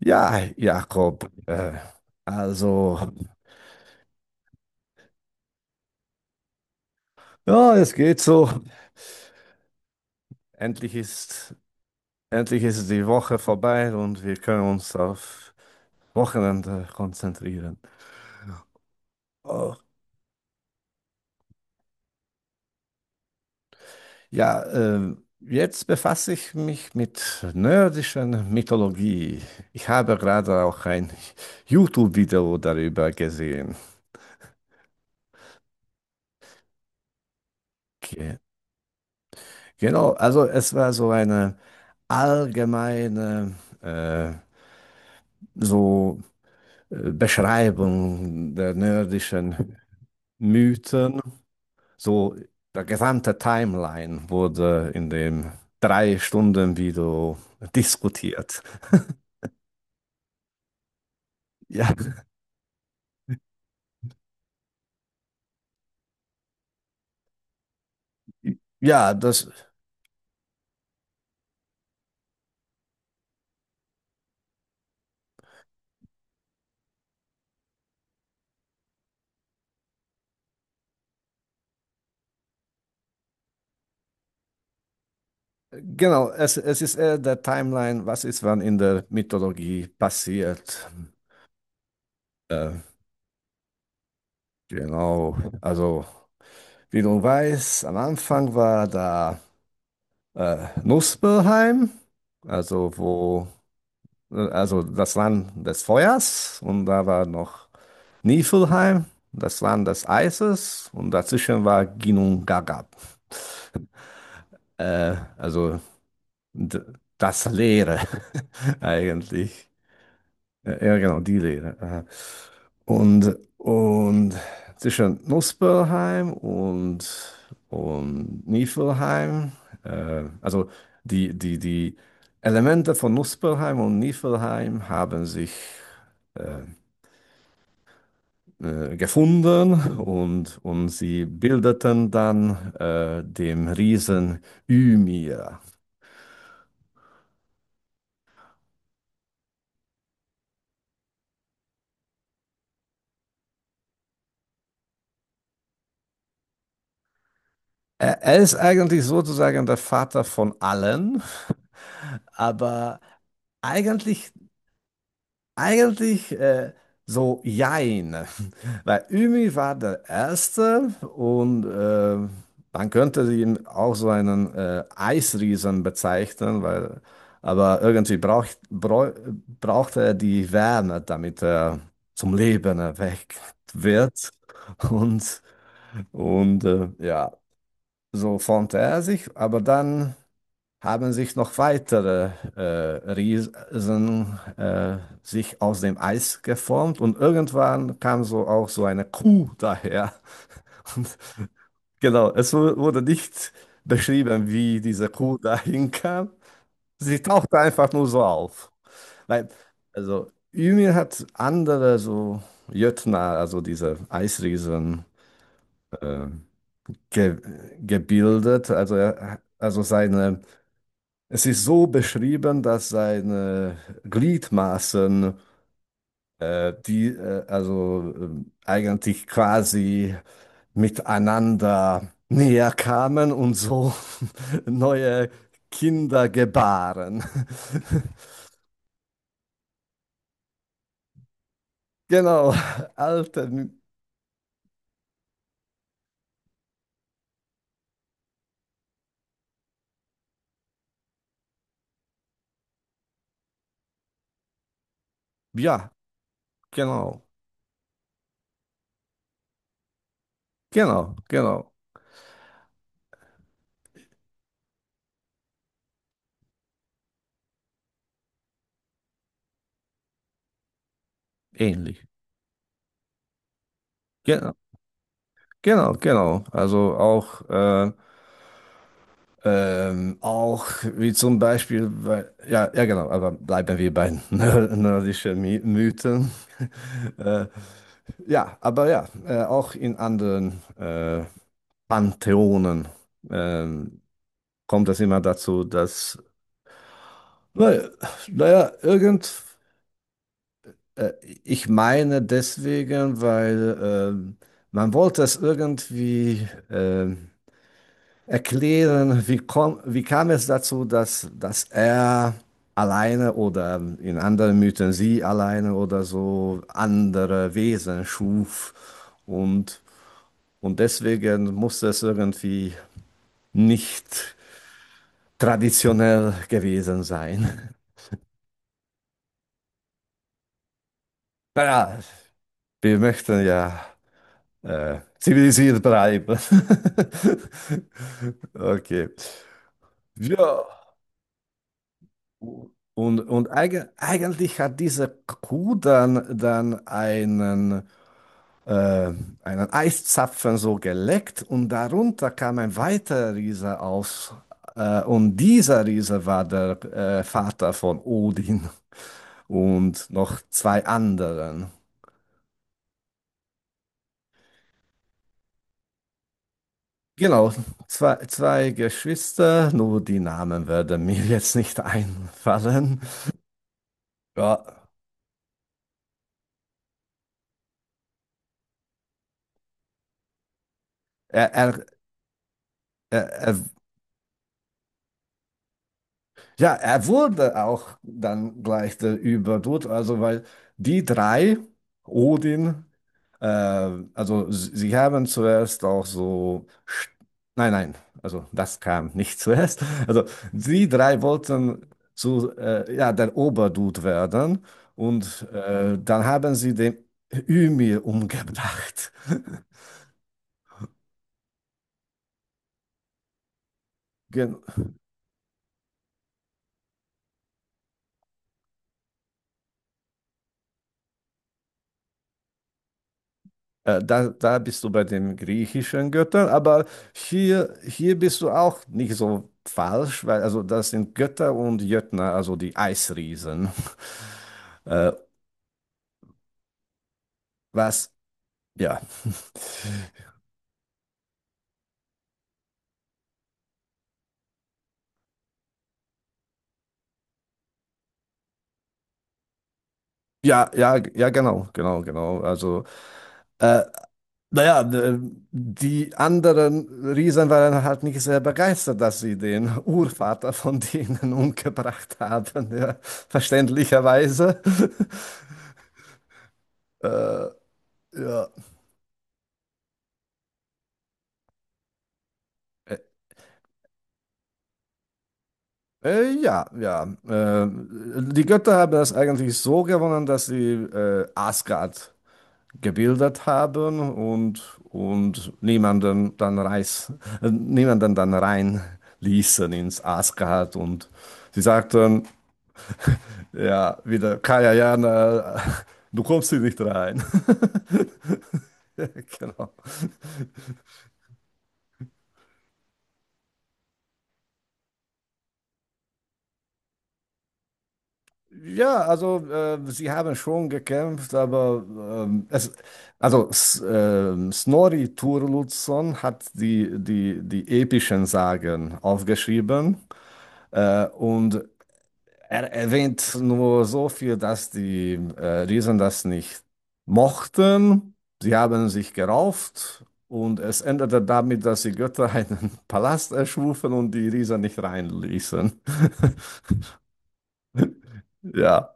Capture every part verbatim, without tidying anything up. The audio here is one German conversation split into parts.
Ja, Jakob, äh, also, ja, es geht so. Endlich ist, Endlich ist die Woche vorbei und wir können uns auf Wochenende konzentrieren. Oh, ja, äh, jetzt befasse ich mich mit nordischer Mythologie. Ich habe gerade auch ein YouTube-Video darüber gesehen. Ge genau, also es war so eine allgemeine, äh, so Beschreibung der nordischen Mythen. So, der gesamte Timeline wurde in dem drei Stunden Video diskutiert. Ja, ja, das, genau, es, es ist eher der Timeline, was ist wann in der Mythologie passiert. Äh, genau, also, wie du weißt, am Anfang war da äh, Muspelheim, also wo also das Land des Feuers und da war noch Niflheim, das Land des Eises und dazwischen war Ginnungagap. Äh, also d- das Leere eigentlich. Äh, Ja, genau, die Leere. äh. Und, und zwischen Nussböllheim und, und Niflheim, äh, also die, die, die Elemente von Nussböllheim und Niflheim haben sich äh, äh, gefunden und, und sie bildeten dann äh, den Riesen Ymir. Er, er ist eigentlich sozusagen der Vater von allen, aber eigentlich Eigentlich äh, so jein, weil Ümi war der Erste und äh, man könnte ihn auch so einen äh, Eisriesen bezeichnen, weil, aber irgendwie braucht, brau, braucht er die Wärme, damit er zum Leben erweckt wird und, und äh, ja, so formte er sich, aber dann haben sich noch weitere äh, Riesen äh, sich aus dem Eis geformt und irgendwann kam so auch so eine Kuh daher. Und genau, es wu- wurde nicht beschrieben, wie diese Kuh dahin kam. Sie tauchte einfach nur so auf. Weil, also Ymir hat andere so Jötnar, also diese Eisriesen, äh, ge gebildet. Also, er, also seine es ist so beschrieben, dass seine Gliedmaßen, äh, die äh, also ähm, eigentlich quasi miteinander näher kamen und so neue Kinder gebaren. Genau, alte, ja, genau, genau, genau, ähnlich. Genau, genau, genau. Also auch äh, Ähm, auch wie zum Beispiel, weil, ja, ja genau, aber bleiben wir bei nör- nördischen My Mythen. äh, ja, aber ja, äh, auch in anderen äh, Pantheonen ähm, kommt es immer dazu, dass, naja, naja irgend, äh, ich meine deswegen, weil ähm, man wollte es irgendwie ähm, erklären, wie, komm, wie kam es dazu, dass, dass er alleine oder in anderen Mythen sie alleine oder so andere Wesen schuf und, und deswegen muss es irgendwie nicht traditionell gewesen sein. Naja, wir möchten ja äh, zivilisiert bleiben. Okay. Ja. Und, und eigen- eigentlich hat diese Kuh dann, dann einen, äh, einen Eiszapfen so geleckt und darunter kam ein weiterer Riese aus. Äh, und dieser Riese war der äh, Vater von Odin und noch zwei anderen. Genau, zwei, zwei Geschwister, nur die Namen werden mir jetzt nicht einfallen. Ja, er, er, er, er Ja, er wurde auch dann gleich der Überdude, also weil die drei, Odin, äh, also s- sie haben zuerst auch so, sch- nein, nein, also das kam nicht zuerst, also die drei wollten zu, äh, ja, der Oberdude werden und äh, dann haben sie den Ymir umgebracht. Äh, Da, da bist du bei den griechischen Göttern, aber hier, hier bist du auch nicht so falsch, weil also das sind Götter und Jötner, also die Eisriesen. Äh, was? Ja, ja, ja, ja, genau, genau, genau. Also, äh, naja, d- die anderen Riesen waren halt nicht sehr begeistert, dass sie den Urvater von denen umgebracht haben, ja, verständlicherweise. Äh, ja. Äh, ja, ja. Äh, die Götter haben das eigentlich so gewonnen, dass sie äh, Asgard gebildet haben und, und niemanden dann reiß, äh, niemanden dann rein ließen ins Asgard. Und sie sagten, ja, wieder Kajayana, du kommst hier nicht rein. Genau. Ja, also äh, sie haben schon gekämpft, aber ähm, es, also S ähm, Snorri Sturluson hat die, die, die epischen Sagen aufgeschrieben äh, und er erwähnt nur so viel, dass die äh, Riesen das nicht mochten. Sie haben sich gerauft und es endete damit, dass die Götter einen Palast erschufen und die Riesen nicht reinließen. Ja,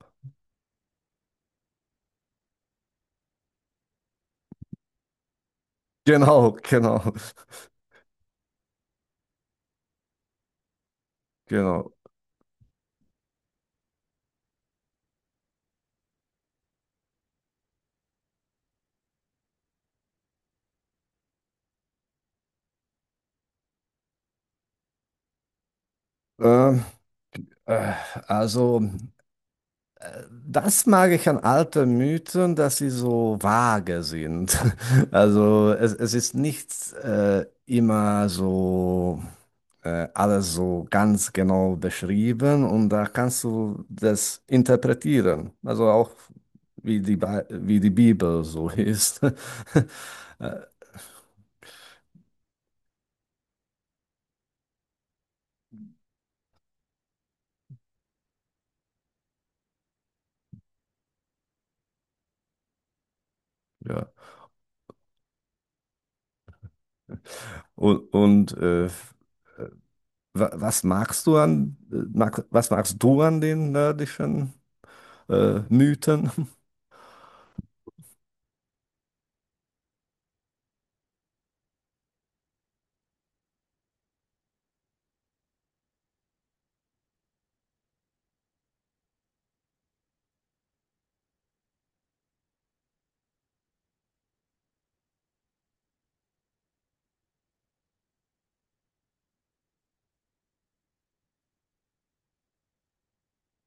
genau, genau. Genau. Ähm, äh, also, äh, das mag ich an alten Mythen, dass sie so vage sind. Also, es, es ist nicht äh, immer so äh, alles so ganz genau beschrieben und da kannst du das interpretieren. Also auch wie die, Bi- wie die Bibel so ist. Äh, ja. Und, und äh, wa- was magst du an, äh, mag, was magst du an den nördischen? Äh, Mythen?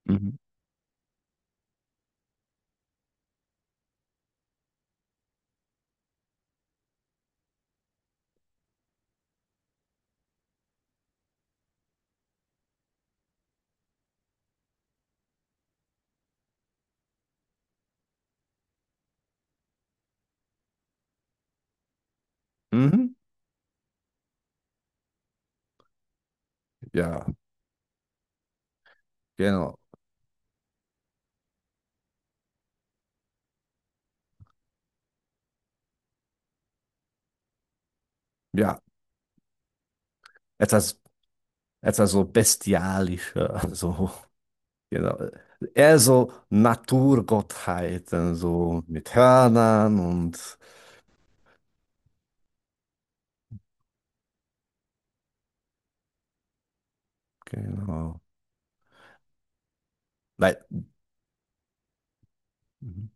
Mhm. Mhm. Ja, genau. Ja, etwas, etwas so bestialischer, so, genau. Eher so Naturgottheiten, so mit Hörnern und genau. Nein, mhm.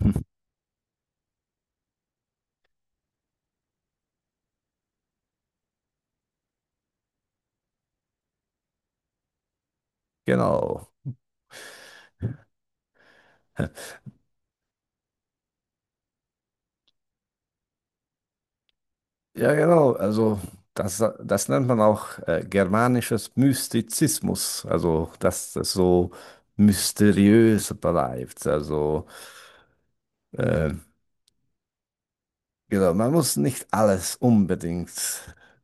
genau. Ja, genau. Also das, das nennt man auch äh, germanisches Mystizismus. Also, dass das so mysteriös bleibt. Also, äh, genau, man muss nicht alles unbedingt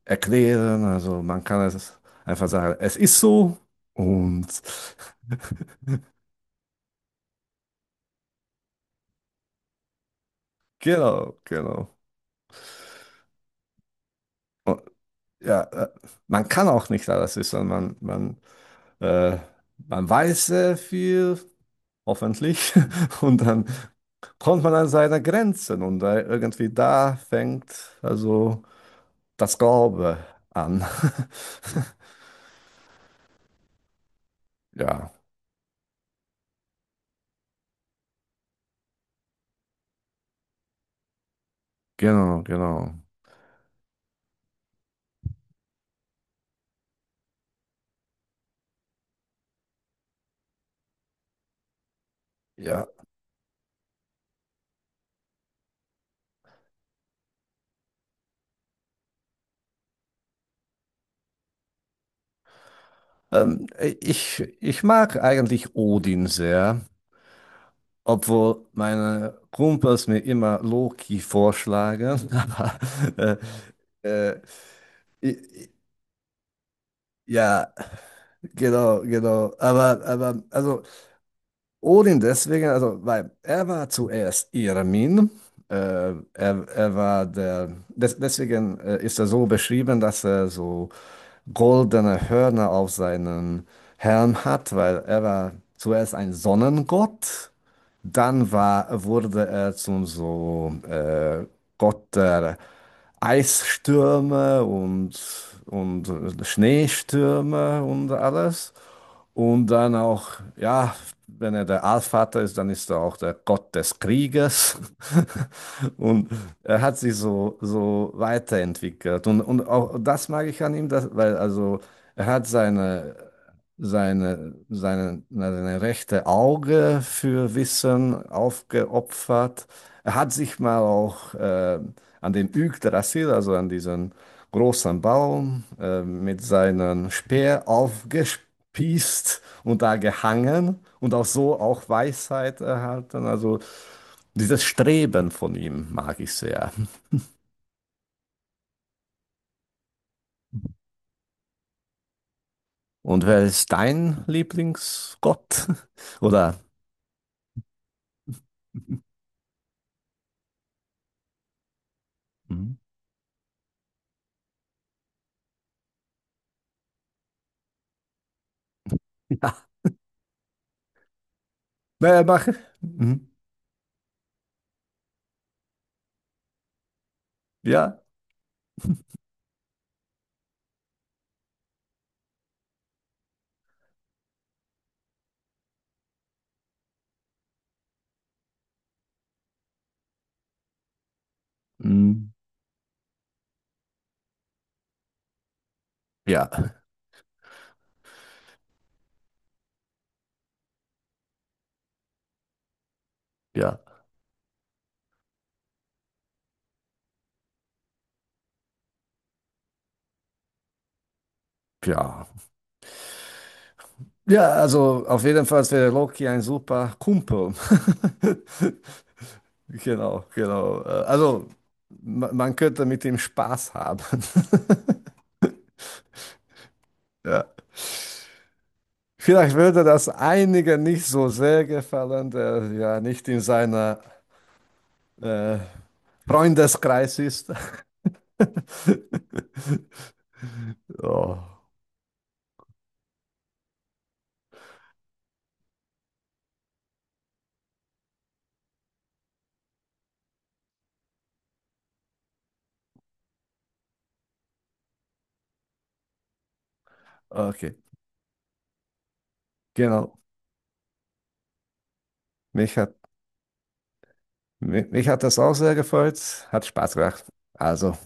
erklären. Also man kann es einfach sagen, es ist so. Und genau, genau. Und, ja, äh, man kann auch nicht alles wissen. Man, man, äh, man weiß sehr viel, hoffentlich. Und dann kommt man an seine Grenzen und da, irgendwie da fängt also das Glaube an. Ja, genau, genau. Ja. Ähm, ich, ich mag eigentlich Odin sehr, obwohl meine Kumpels mir immer Loki vorschlagen. Aber äh, äh, i- i- ja, genau, genau. Aber, aber also Odin deswegen, also, weil er war zuerst Irmin. Äh, er, er war der, des, deswegen äh, ist er so beschrieben, dass er so goldene Hörner auf seinem Helm hat, weil er war zuerst ein Sonnengott, dann war, wurde er zum so äh, Gott der Eisstürme und, und Schneestürme und alles. Und dann auch, ja, wenn er der Allvater ist, dann ist er auch der Gott des Krieges. Und er hat sich so, so weiterentwickelt. Und, und auch das mag ich an ihm, dass, weil also er hat seine seine, seine, na, seine rechte Auge für Wissen aufgeopfert. Er hat sich mal auch äh, an den Yggdrasil, also an diesen großen Baum, äh, mit seinem Speer aufgespießt und da gehangen und auch so auch Weisheit erhalten. Also dieses Streben von ihm mag ich sehr. Und wer ist dein Lieblingsgott? Oder? Mhm. Ja. Naja, mach. Mhm. Ja. Mhm. Ja, ja, ja. Ja, also auf jeden Fall wäre Loki ein super Kumpel. Genau, genau. Äh, Also ma- man könnte mit ihm Spaß haben. Ja. Vielleicht würde das einigen nicht so sehr gefallen, der ja nicht in seiner äh, Freundeskreis ist. Oh, okay, genau. Mich hat, mich, mich hat das auch sehr gefreut. Hat Spaß gemacht. Also.